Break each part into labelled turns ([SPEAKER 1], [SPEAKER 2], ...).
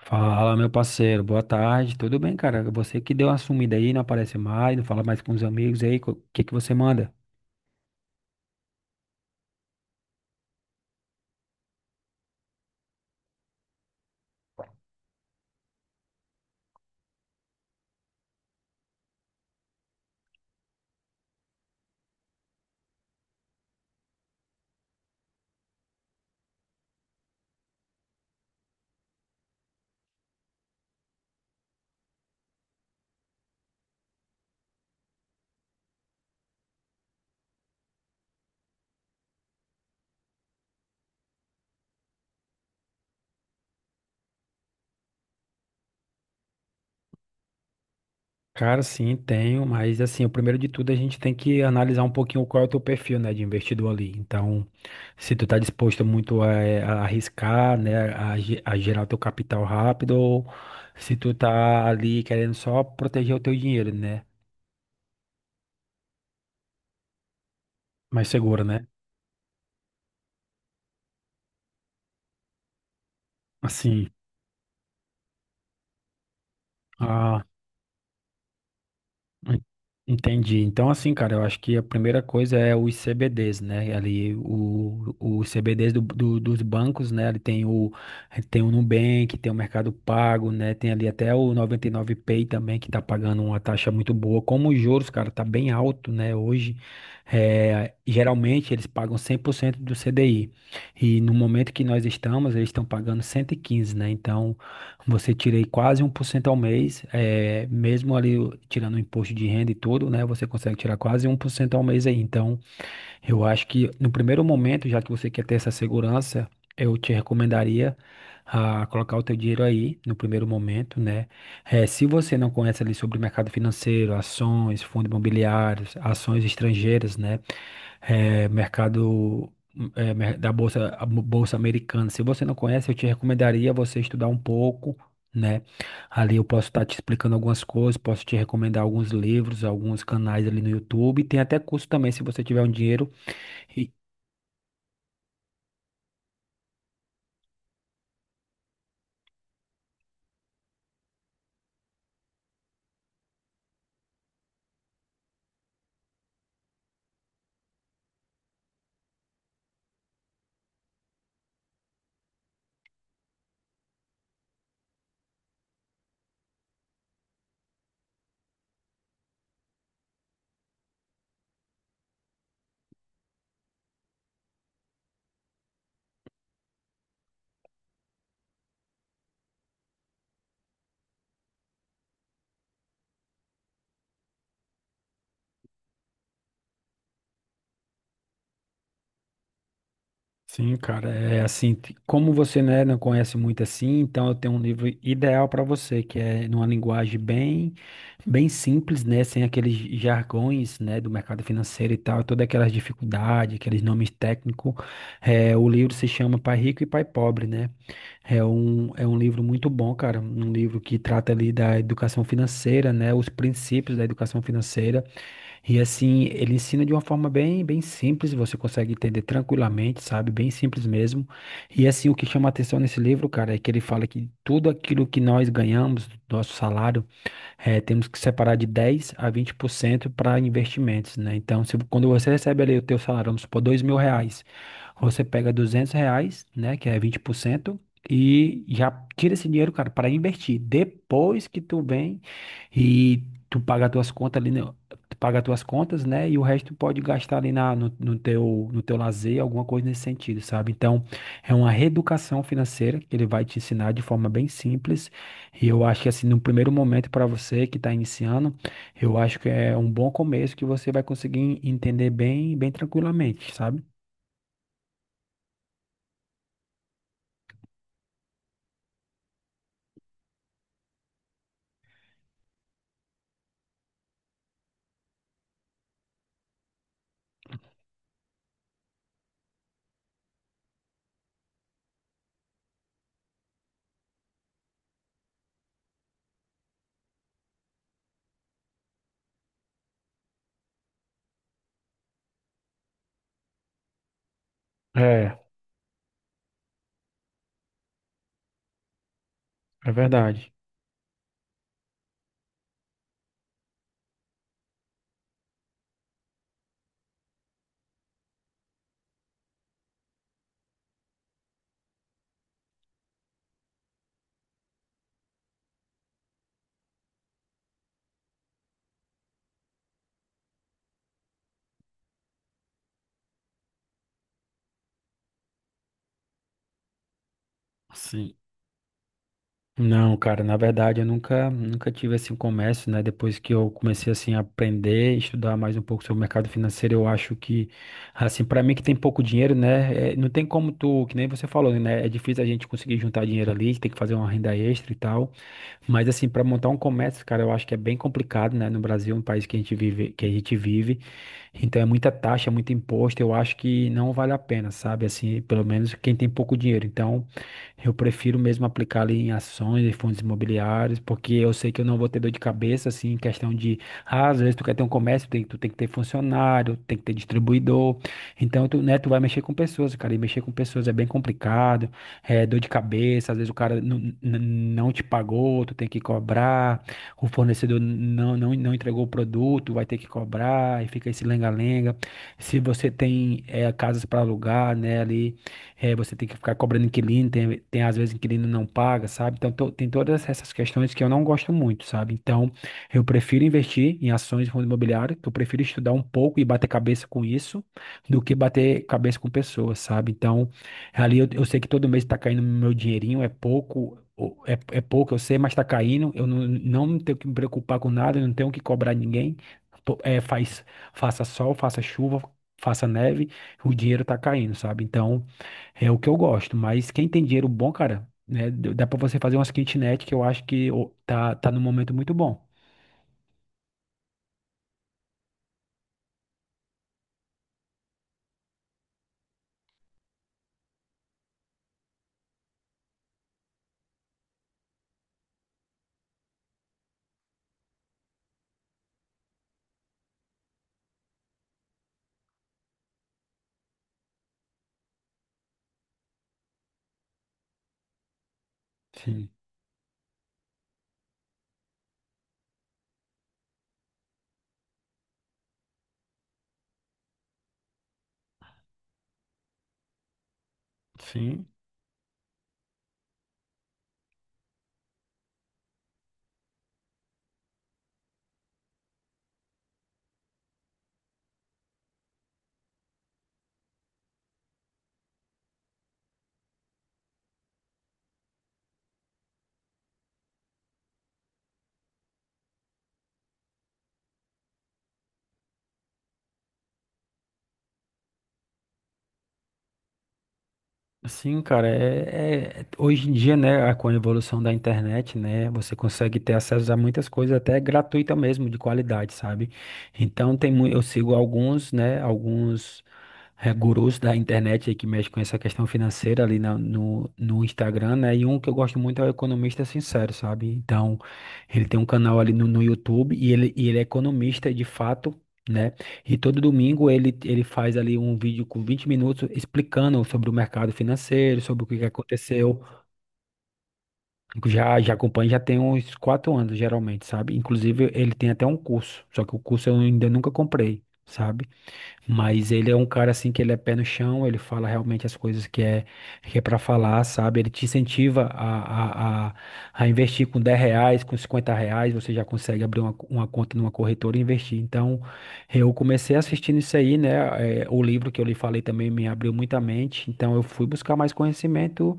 [SPEAKER 1] Fala, meu parceiro, boa tarde, tudo bem, cara? Você que deu uma sumida aí, não aparece mais, não fala mais com os amigos aí, o que que você manda? Cara, sim, tenho, mas assim, o primeiro de tudo a gente tem que analisar um pouquinho qual é o teu perfil, né, de investidor ali. Então, se tu tá disposto muito a, a arriscar, né, a gerar o teu capital rápido, ou se tu tá ali querendo só proteger o teu dinheiro, né, mais seguro, né? Assim, En- Entendi. Então, assim, cara, eu acho que a primeira coisa é os CBDs, né? Ali, os CBDs dos bancos, né? Ali tem o Nubank, tem o Mercado Pago, né? Tem ali até o 99Pay também, que tá pagando uma taxa muito boa. Como os juros, cara, tá bem alto, né? Hoje, geralmente eles pagam 100% do CDI. E no momento que nós estamos, eles estão pagando 115, né? Então, você tirei quase 1% ao mês, mesmo ali tirando o imposto de renda e tudo, né? Você consegue tirar quase 1% ao mês aí. Então, eu acho que no primeiro momento, já que você quer ter essa segurança, eu te recomendaria a colocar o teu dinheiro aí no primeiro momento, né? Se você não conhece ali sobre o mercado financeiro, ações, fundos imobiliários, ações estrangeiras, né? Eh, mercado da bolsa, bolsa americana. Se você não conhece, eu te recomendaria você estudar um pouco. Né? Ali eu posso estar te explicando algumas coisas, posso te recomendar alguns livros, alguns canais ali no YouTube. Tem até curso também, se você tiver um dinheiro. Sim, cara, é assim, como você, né, não conhece muito assim, então eu tenho um livro ideal para você, que é numa linguagem bem, bem simples, né, sem aqueles jargões, né, do mercado financeiro e tal, todas aquelas dificuldades, aqueles nomes técnicos. É, o livro se chama Pai Rico e Pai Pobre, né? É um livro muito bom, cara, um livro que trata ali da educação financeira, né, os princípios da educação financeira. E assim, ele ensina de uma forma bem, bem simples, você consegue entender tranquilamente, sabe? Bem simples mesmo. E assim, o que chama atenção nesse livro, cara, é que ele fala que tudo aquilo que nós ganhamos, do nosso salário, temos que separar de 10 a 20% para investimentos, né? Então, se, quando você recebe ali o teu salário, vamos supor, 2 mil reais, você pega R$ 200, né, que é 20% e já tira esse dinheiro, cara, para investir. Depois que tu vem e tu paga as tuas contas ali, né, tu paga as tuas contas, né, e o resto tu pode gastar ali na, no, no teu, no teu lazer, alguma coisa nesse sentido, sabe? Então, é uma reeducação financeira que ele vai te ensinar de forma bem simples e eu acho que assim, no primeiro momento para você que está iniciando, eu acho que é um bom começo que você vai conseguir entender bem, bem tranquilamente, sabe? É, é verdade. Sim. Não, cara, na verdade eu nunca, nunca tive assim um comércio, né? Depois que eu comecei assim a aprender, estudar mais um pouco sobre o mercado financeiro, eu acho que assim, para mim que tem pouco dinheiro, né, não tem como tu, que nem você falou, né? É difícil a gente conseguir juntar dinheiro ali, tem que fazer uma renda extra e tal. Mas assim, para montar um comércio, cara, eu acho que é bem complicado, né? No Brasil, um país que a gente vive, então é muita taxa, muito imposto, eu acho que não vale a pena, sabe? Assim, pelo menos quem tem pouco dinheiro. Então, eu prefiro mesmo aplicar ali em ações e fundos imobiliários, porque eu sei que eu não vou ter dor de cabeça, assim, em questão de, ah, às vezes tu quer ter um comércio, tu tem que ter funcionário, tem que ter distribuidor. Então, tu, né, tu vai mexer com pessoas, cara, e mexer com pessoas é bem complicado, é dor de cabeça, às vezes o cara não, não te pagou, tu tem que cobrar, o fornecedor não, não, não entregou o produto, vai ter que cobrar, e fica esse lenga-lenga. Se você tem casas para alugar, né, ali, você tem que ficar cobrando inquilino, tem às vezes inquilino não paga, sabe? Então, tem todas essas questões que eu não gosto muito, sabe? Então, eu prefiro investir em ações de fundo imobiliário, que eu prefiro estudar um pouco e bater cabeça com isso, do que bater cabeça com pessoas, sabe? Então, ali eu sei que todo mês tá caindo meu dinheirinho, é pouco, é pouco, eu sei, mas tá caindo. Eu não, não tenho que me preocupar com nada, eu não tenho que cobrar ninguém. Pô, é, faça sol, faça chuva, faça neve, o dinheiro tá caindo, sabe? Então, é o que eu gosto. Mas quem tem dinheiro bom, cara, né? Dá pra você fazer umas kitnet que eu acho que ô, tá num momento muito bom. Sim, sim. Sim, cara, hoje em dia, né, com a evolução da internet, né, você consegue ter acesso a muitas coisas, até gratuita mesmo, de qualidade, sabe? Então, eu sigo alguns, né, gurus da internet aí que mexem com essa questão financeira ali no Instagram, né, e um que eu gosto muito é o Economista Sincero, sabe? Então, ele tem um canal ali no YouTube e e ele é economista de fato, né? E todo domingo ele faz ali um vídeo com 20 minutos explicando sobre o mercado financeiro, sobre o que que aconteceu. Já acompanho, já tem uns 4 anos, geralmente, sabe? Inclusive, ele tem até um curso, só que o curso eu ainda nunca comprei, sabe? Mas ele é um cara assim que ele é pé no chão, ele fala realmente as coisas que é para falar, sabe? Ele te incentiva a investir com R$ 10, com R$ 50, você já consegue abrir uma conta numa corretora e investir. Então, eu comecei assistindo isso aí, né? É, o livro que eu lhe falei também me abriu muita mente, então eu fui buscar mais conhecimento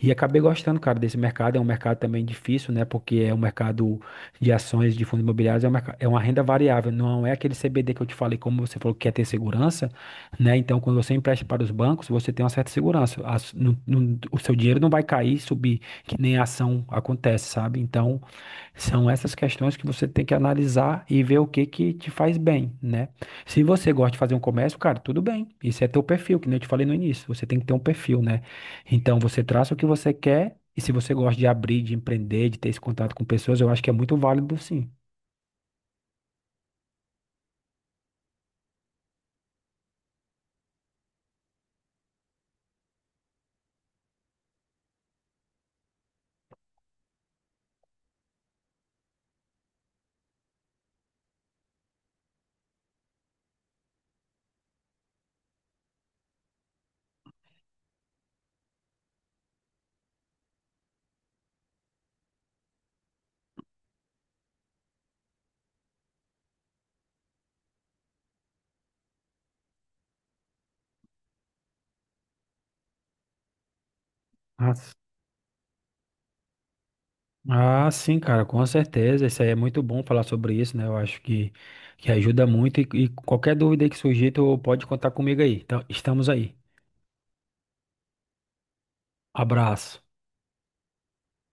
[SPEAKER 1] e acabei gostando, cara, desse mercado. É um mercado também difícil, né? Porque é um mercado de ações de fundos imobiliários, é, é uma renda variável, não é aquele CBD que eu te falei, como você falou que quer ter segurança, né? Então, quando você empresta para os bancos, você tem uma certa segurança. O seu dinheiro não vai cair, subir, que nem a ação acontece, sabe? Então, são essas questões que você tem que analisar e ver o que que te faz bem, né? Se você gosta de fazer um comércio, cara, tudo bem. Isso é teu perfil, que nem eu te falei no início. Você tem que ter um perfil, né? Então você traça o que você quer e se você gosta de abrir, de empreender, de ter esse contato com pessoas, eu acho que é muito válido, sim. Ah, s- ah, sim, cara, com certeza. Isso aí é muito bom falar sobre isso, né? Eu acho que ajuda muito e qualquer dúvida aí que surgir, tu pode contar comigo aí. Então, estamos aí. Abraço.